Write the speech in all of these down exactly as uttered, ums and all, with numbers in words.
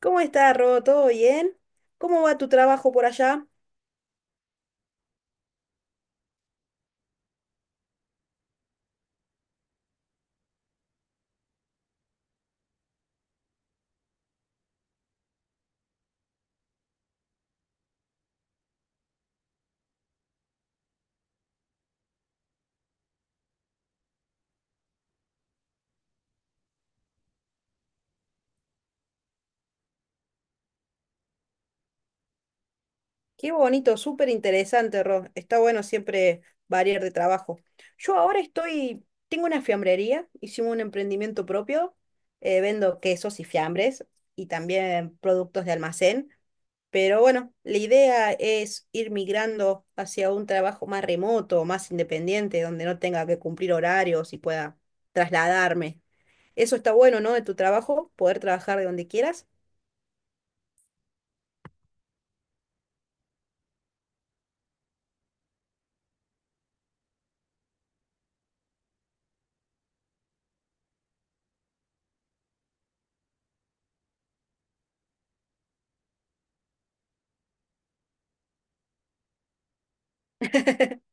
¿Cómo está, Ro? ¿Todo bien? ¿Cómo va tu trabajo por allá? Qué bonito, súper interesante, Ro. Está bueno siempre variar de trabajo. Yo ahora estoy, tengo una fiambrería, hicimos un emprendimiento propio, eh, vendo quesos y fiambres y también productos de almacén, pero bueno, la idea es ir migrando hacia un trabajo más remoto, más independiente, donde no tenga que cumplir horarios y pueda trasladarme. Eso está bueno, ¿no? De tu trabajo, poder trabajar de donde quieras.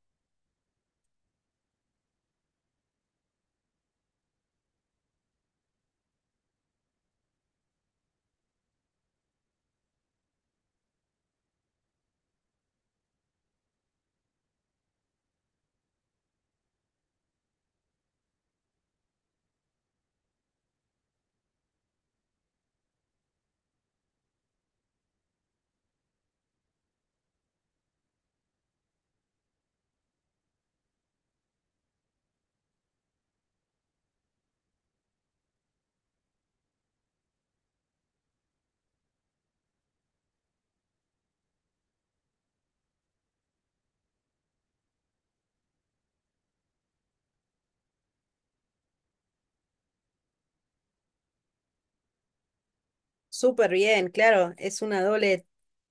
Súper bien, claro, es una doble,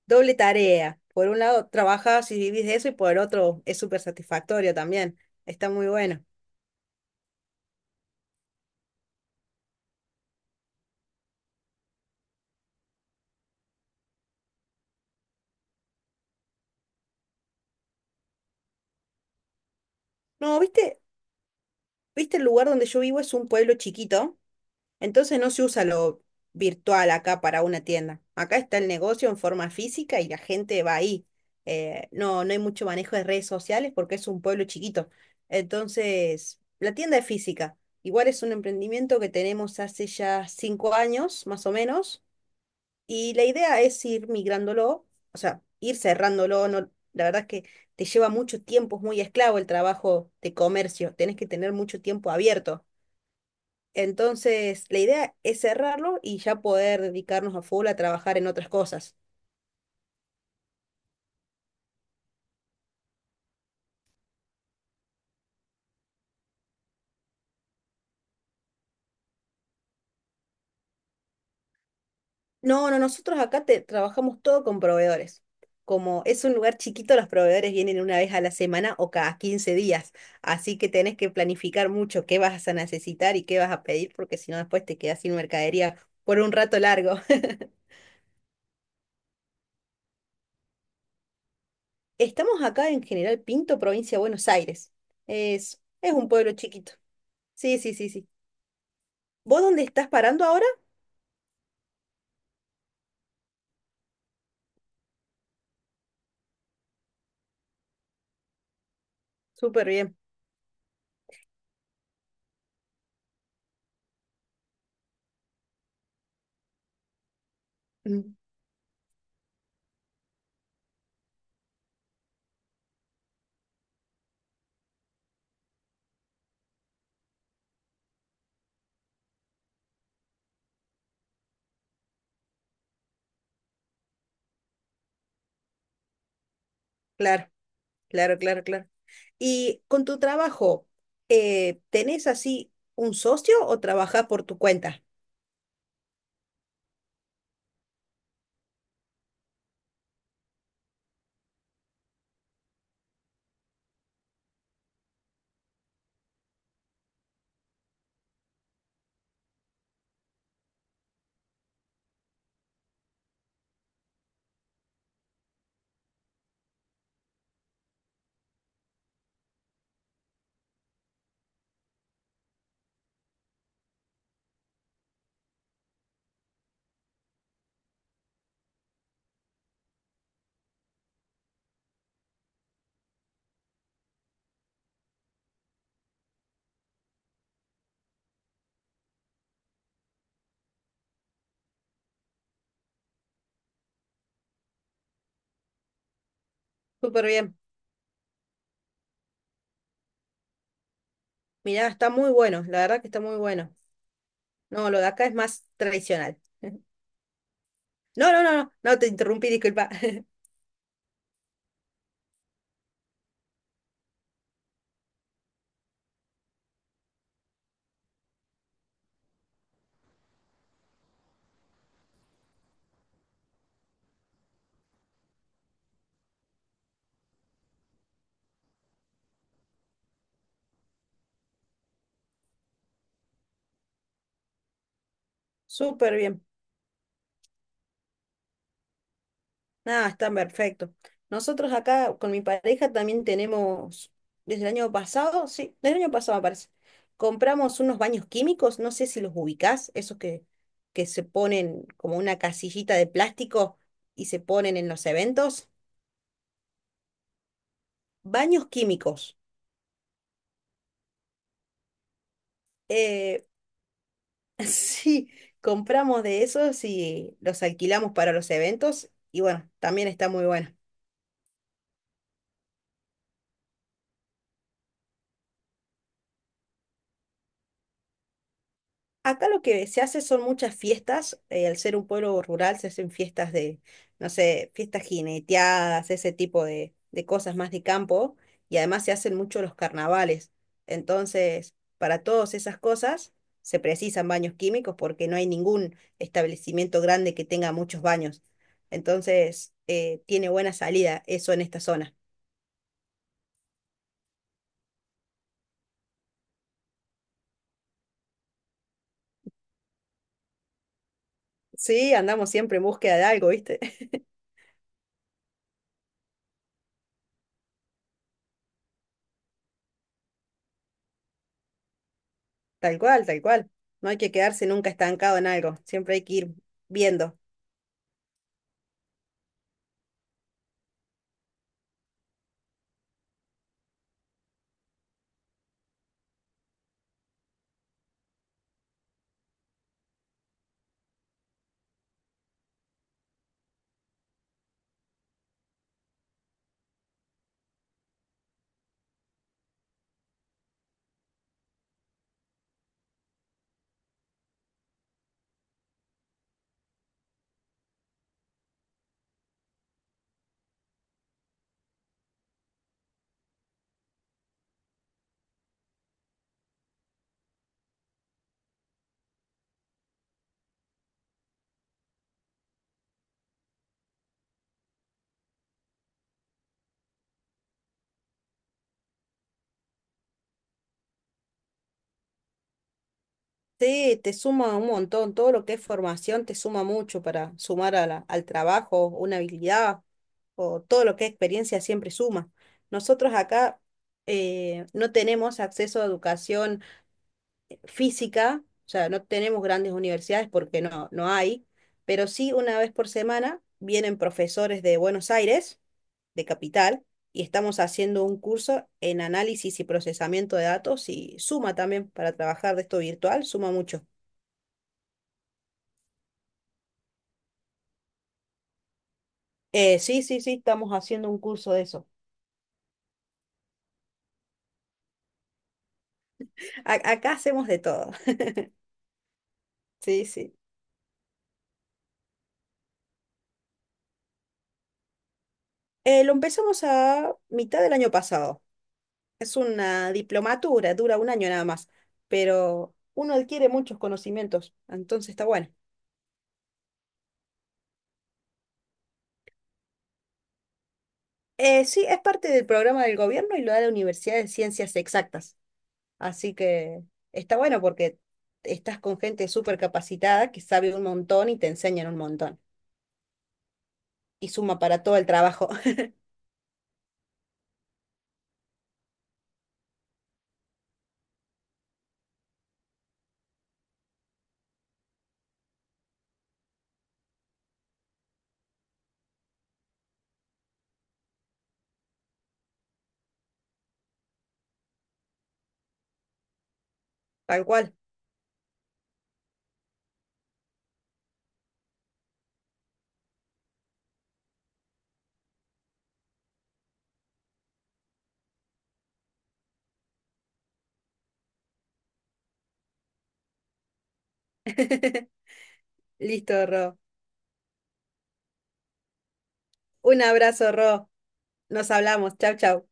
doble tarea. Por un lado trabajas y vivís de eso y por el otro es súper satisfactorio también. Está muy bueno. No, viste, viste el lugar donde yo vivo es un pueblo chiquito, entonces no se usa lo virtual acá para una tienda. Acá está el negocio en forma física y la gente va ahí. Eh, no, no hay mucho manejo de redes sociales porque es un pueblo chiquito. Entonces, la tienda es física. Igual es un emprendimiento que tenemos hace ya cinco años, más o menos. Y la idea es ir migrándolo, o sea, ir cerrándolo. No, la verdad es que te lleva mucho tiempo, es muy esclavo el trabajo de comercio, tenés que tener mucho tiempo abierto. Entonces, la idea es cerrarlo y ya poder dedicarnos a full a trabajar en otras cosas. No, no, nosotros acá te, trabajamos todo con proveedores. Como es un lugar chiquito, los proveedores vienen una vez a la semana o cada quince días. Así que tenés que planificar mucho qué vas a necesitar y qué vas a pedir, porque si no después te quedas sin mercadería por un rato largo. Estamos acá en General Pinto, provincia de Buenos Aires. Es, es un pueblo chiquito. Sí, sí, sí, sí. ¿Vos dónde estás parando ahora? Súper bien. Mm. Claro, claro, claro, claro. Y con tu trabajo, eh, ¿tenés así un socio o trabajás por tu cuenta? Súper bien. Mirá, está muy bueno, la verdad que está muy bueno. No, lo de acá es más tradicional. No, no, no, no, no te interrumpí, disculpa. Súper bien. Nada, está perfecto. Nosotros acá con mi pareja también tenemos, desde el año pasado, sí, desde el año pasado me parece, compramos unos baños químicos, no sé si los ubicás, esos que, que se ponen como una casillita de plástico y se ponen en los eventos. Baños químicos. Eh, sí, compramos de esos y los alquilamos para los eventos y bueno, también está muy bueno. Acá lo que se hace son muchas fiestas, eh, al ser un pueblo rural se hacen fiestas de, no sé, fiestas jineteadas, ese tipo de, de cosas más de campo, y además se hacen mucho los carnavales. Entonces, para todas esas cosas se precisan baños químicos porque no hay ningún establecimiento grande que tenga muchos baños. Entonces, eh, tiene buena salida eso en esta zona. Sí, andamos siempre en búsqueda de algo, ¿viste? Tal cual, tal cual. No hay que quedarse nunca estancado en algo, siempre hay que ir viendo. Sí, te suma un montón, todo lo que es formación te suma mucho para sumar a la- al trabajo, una habilidad o todo lo que es experiencia siempre suma. Nosotros acá eh, no tenemos acceso a educación física, o sea, no tenemos grandes universidades porque no, no hay, pero sí una vez por semana vienen profesores de Buenos Aires de Capital y estamos haciendo un curso en análisis y procesamiento de datos y suma también para trabajar de esto virtual, suma mucho. Eh, sí, sí, sí, estamos haciendo un curso de eso. A- acá hacemos de todo. Sí, sí. Eh, lo empezamos a mitad del año pasado. Es una diplomatura, dura un año nada más, pero uno adquiere muchos conocimientos, entonces está bueno. Eh, sí, es parte del programa del gobierno y lo da la Universidad de Ciencias Exactas. Así que está bueno porque estás con gente súper capacitada que sabe un montón y te enseñan un montón. Y suma para todo el trabajo. Tal cual. Listo, Ro. Un abrazo, Ro. Nos hablamos. Chau, chau.